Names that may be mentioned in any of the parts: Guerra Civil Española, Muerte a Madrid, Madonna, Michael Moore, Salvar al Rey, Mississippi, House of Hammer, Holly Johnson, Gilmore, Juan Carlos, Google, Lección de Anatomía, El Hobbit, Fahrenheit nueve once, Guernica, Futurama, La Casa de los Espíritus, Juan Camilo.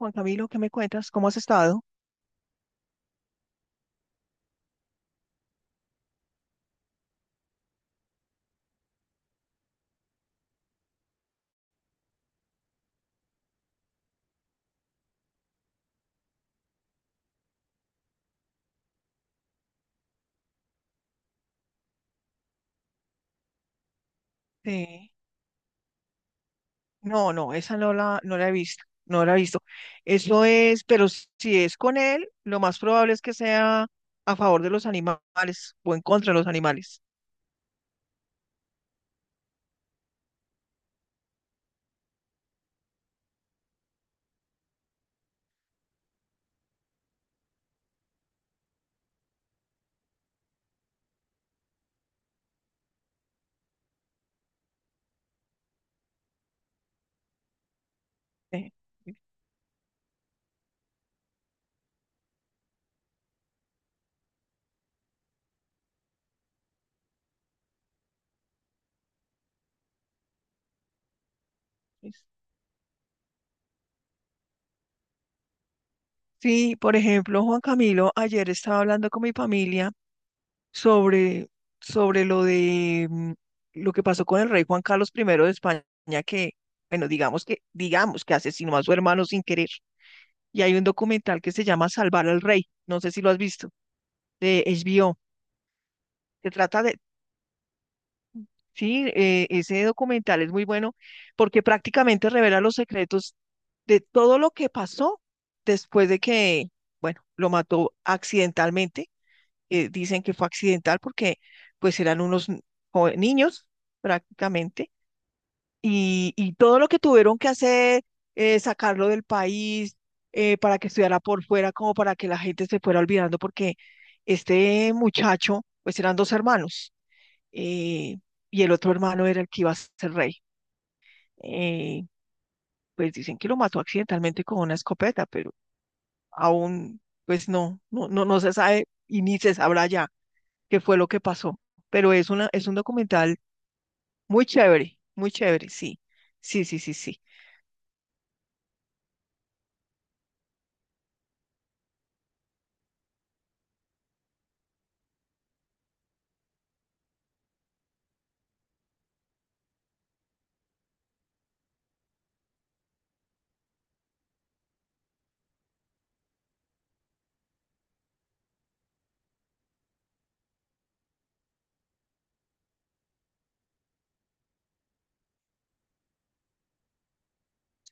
Juan Camilo, ¿qué me cuentas? ¿Cómo has estado? Sí. No, no, esa no la he visto, no la he visto. Eso es, pero si es con él, lo más probable es que sea a favor de los animales o en contra de los animales. Eh, es- Sí, por ejemplo, Juan Camilo, ayer estaba hablando con mi familia sobre, sobre lo de lo que pasó con el rey Juan Carlos primero de España, que, bueno, digamos que asesinó a su hermano sin querer. Y hay un documental que se llama Salvar al Rey, no sé si lo has visto, de HBO. Se trata de, sí, ese documental es muy bueno porque prácticamente revela los secretos de todo lo que pasó después de que, bueno, lo mató accidentalmente. Dicen que fue accidental porque pues eran unos niños prácticamente, y todo lo que tuvieron que hacer, sacarlo del país, para que estudiara por fuera, como para que la gente se fuera olvidando, porque este muchacho, pues eran dos hermanos, eh, y el otro hermano era el que iba a ser rey. Eh, pues dicen que lo mató accidentalmente con una escopeta, pero aún, pues no, no, no, no se sabe y ni se sabrá ya qué fue lo que pasó. Pero es un documental muy chévere, muy chévere, sí. Sí, sí, sí, sí.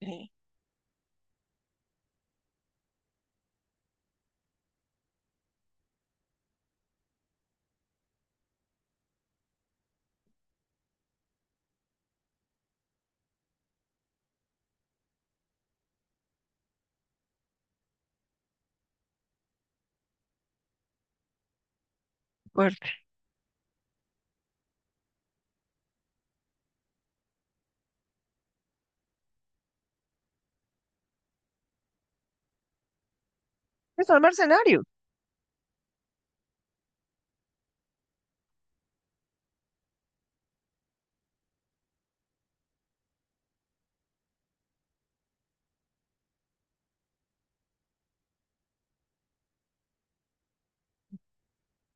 Sí, fuerte. Es un mercenario.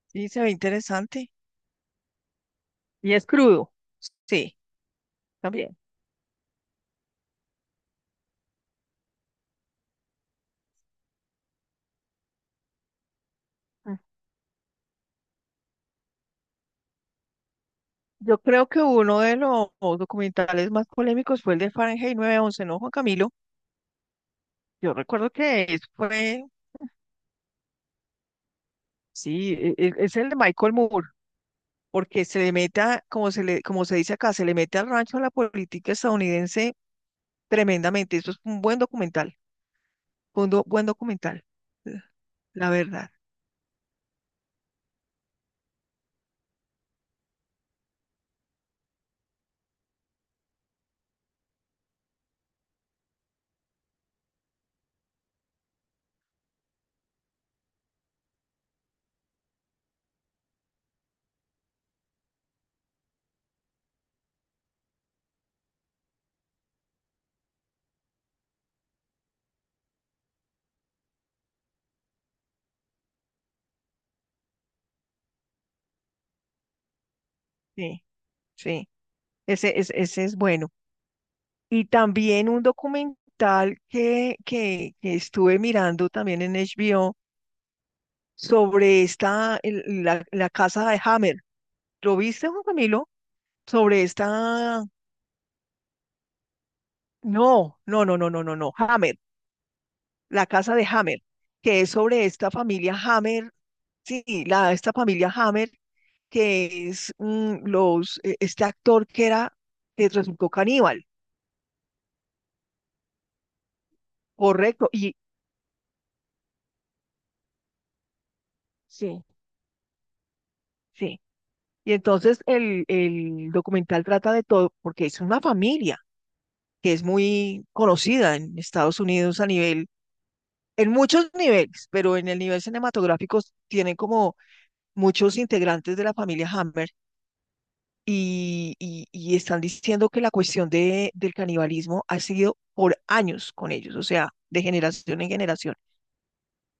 Sí, se ve interesante. Y es crudo. Sí, también. Mm. Yo creo que uno de los documentales más polémicos fue el de Fahrenheit nueve once, ¿no, Juan Camilo? Yo recuerdo que fue, sí, es el de Michael Moore, porque se le meta, como se dice acá, se le mete al rancho a la política estadounidense. Tremendamente, eso es un buen documental, buen documental, la la verdad. Sí, sí, ese es bueno. Y también un documental que estuve mirando también en HBO sobre la casa de Hammer. ¿Lo viste, Juan Camilo? Sobre esta, no, no, no, no, no, no, no, Hammer, la casa de Hammer, que es sobre esta familia Hammer, sí, esta familia Hammer, que es este actor que era, que resultó caníbal, correcto, y. Sí. Sí, y entonces el documental trata de todo, porque es una familia que es muy conocida en Estados Unidos a nivel, en muchos niveles, pero en el nivel cinematográfico tienen como muchos integrantes de la familia Hammer y están diciendo que la cuestión del canibalismo ha sido por años con ellos, o sea, de generación en generación.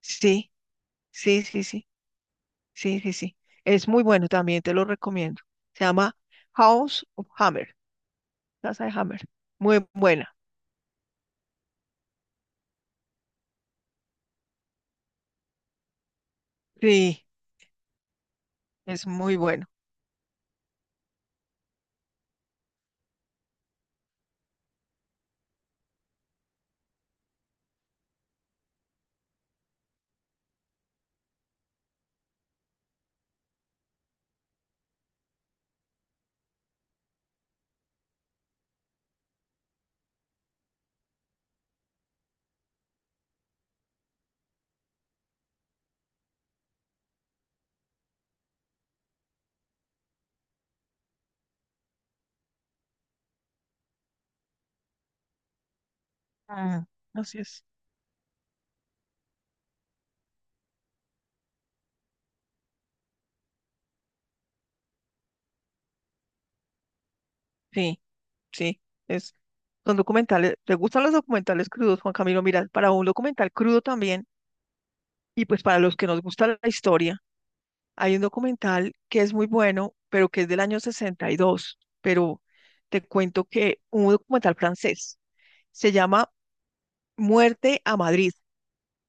Sí. Sí, sí, sí, sí, sí, sí. Es muy bueno, también te lo recomiendo. Se llama House of Hammer, Casa de Hammer. Muy buena. Sí, es muy bueno. Ah, así es. Sí, sí, es. Son documentales. ¿Te gustan los documentales crudos, Juan Camilo? Mira, para un documental crudo también, y pues para los que nos gusta la historia, hay un documental que es muy bueno, pero que es del año 62. Pero te cuento que un documental francés se llama Muerte a Madrid.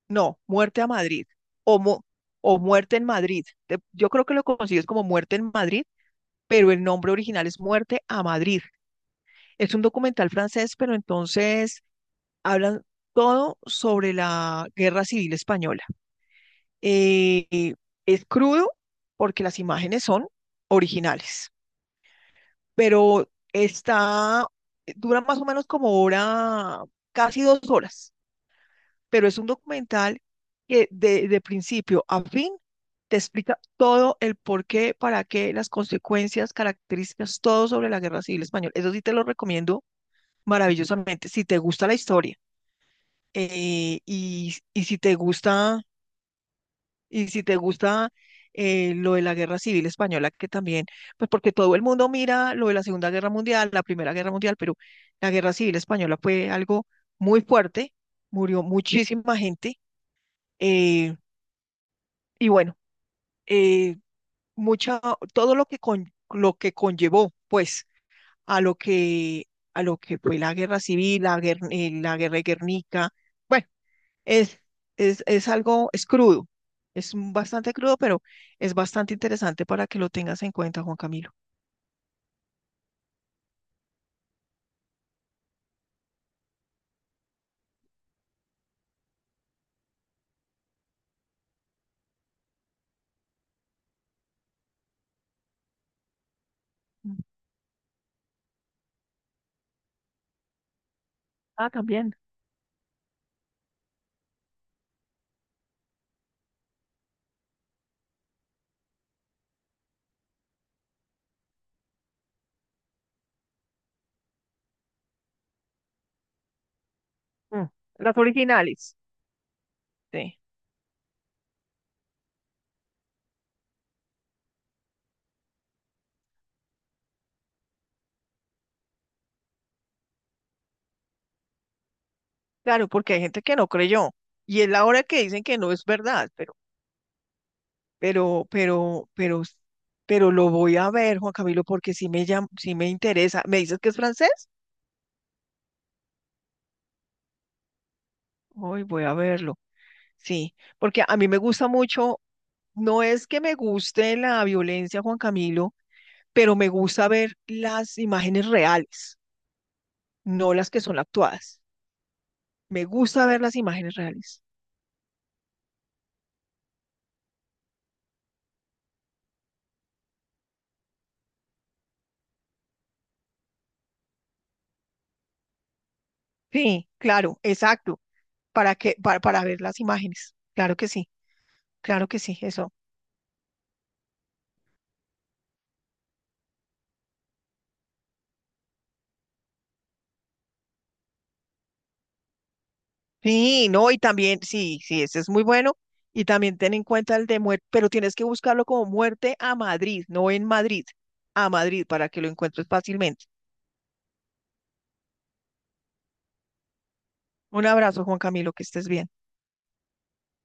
No, muerte a Madrid, o o muerte en Madrid. Yo creo que lo consigues como muerte en Madrid, pero el nombre original es Muerte a Madrid. Es un documental francés, pero entonces hablan todo sobre la Guerra Civil Española. Eh, eh, es crudo porque las imágenes son originales, pero está, dura más o menos como hora, casi dos horas. Pero es un documental que de principio a fin te explica todo el por qué, para qué, las consecuencias, características, todo sobre la Guerra Civil Española. Eso sí te lo recomiendo maravillosamente, si te gusta la historia. Y si te gusta, y si te gusta, lo de la Guerra Civil Española, que también, pues porque todo el mundo mira lo de la Segunda Guerra Mundial, la Primera Guerra Mundial, pero la Guerra Civil Española fue algo muy fuerte, murió muchísima gente. eh, Y bueno, eh, mucha, todo lo que, lo que conllevó, pues, a lo que, a lo que fue la guerra civil, la guerra de Guernica, bueno, es, es algo, es crudo, bastante crudo, pero es bastante interesante para que lo tengas en cuenta, Juan Camilo. Mm. Ah, también. Mm, Las originales. Sí, claro, porque hay gente que no creyó, y es la hora que dicen que no es verdad, pero, pero, pero, pero lo voy a ver, Juan Camilo, porque sí sí me interesa. ¿Me dices que es francés? Hoy voy a verlo. Sí, porque a mí me gusta mucho, no es que me guste la violencia, Juan Camilo, pero me gusta ver las imágenes reales, no las que son actuadas. Me gusta ver las imágenes reales. Sí, claro, exacto, para ver las imágenes. Claro que sí, eso. Sí, no, y también, sí, sí, ese es muy bueno. Y también ten en cuenta el de muerte, pero tienes que buscarlo como muerte a Madrid, no en Madrid, a Madrid, para que lo encuentres fácilmente. Un abrazo, Juan Camilo, que estés bien.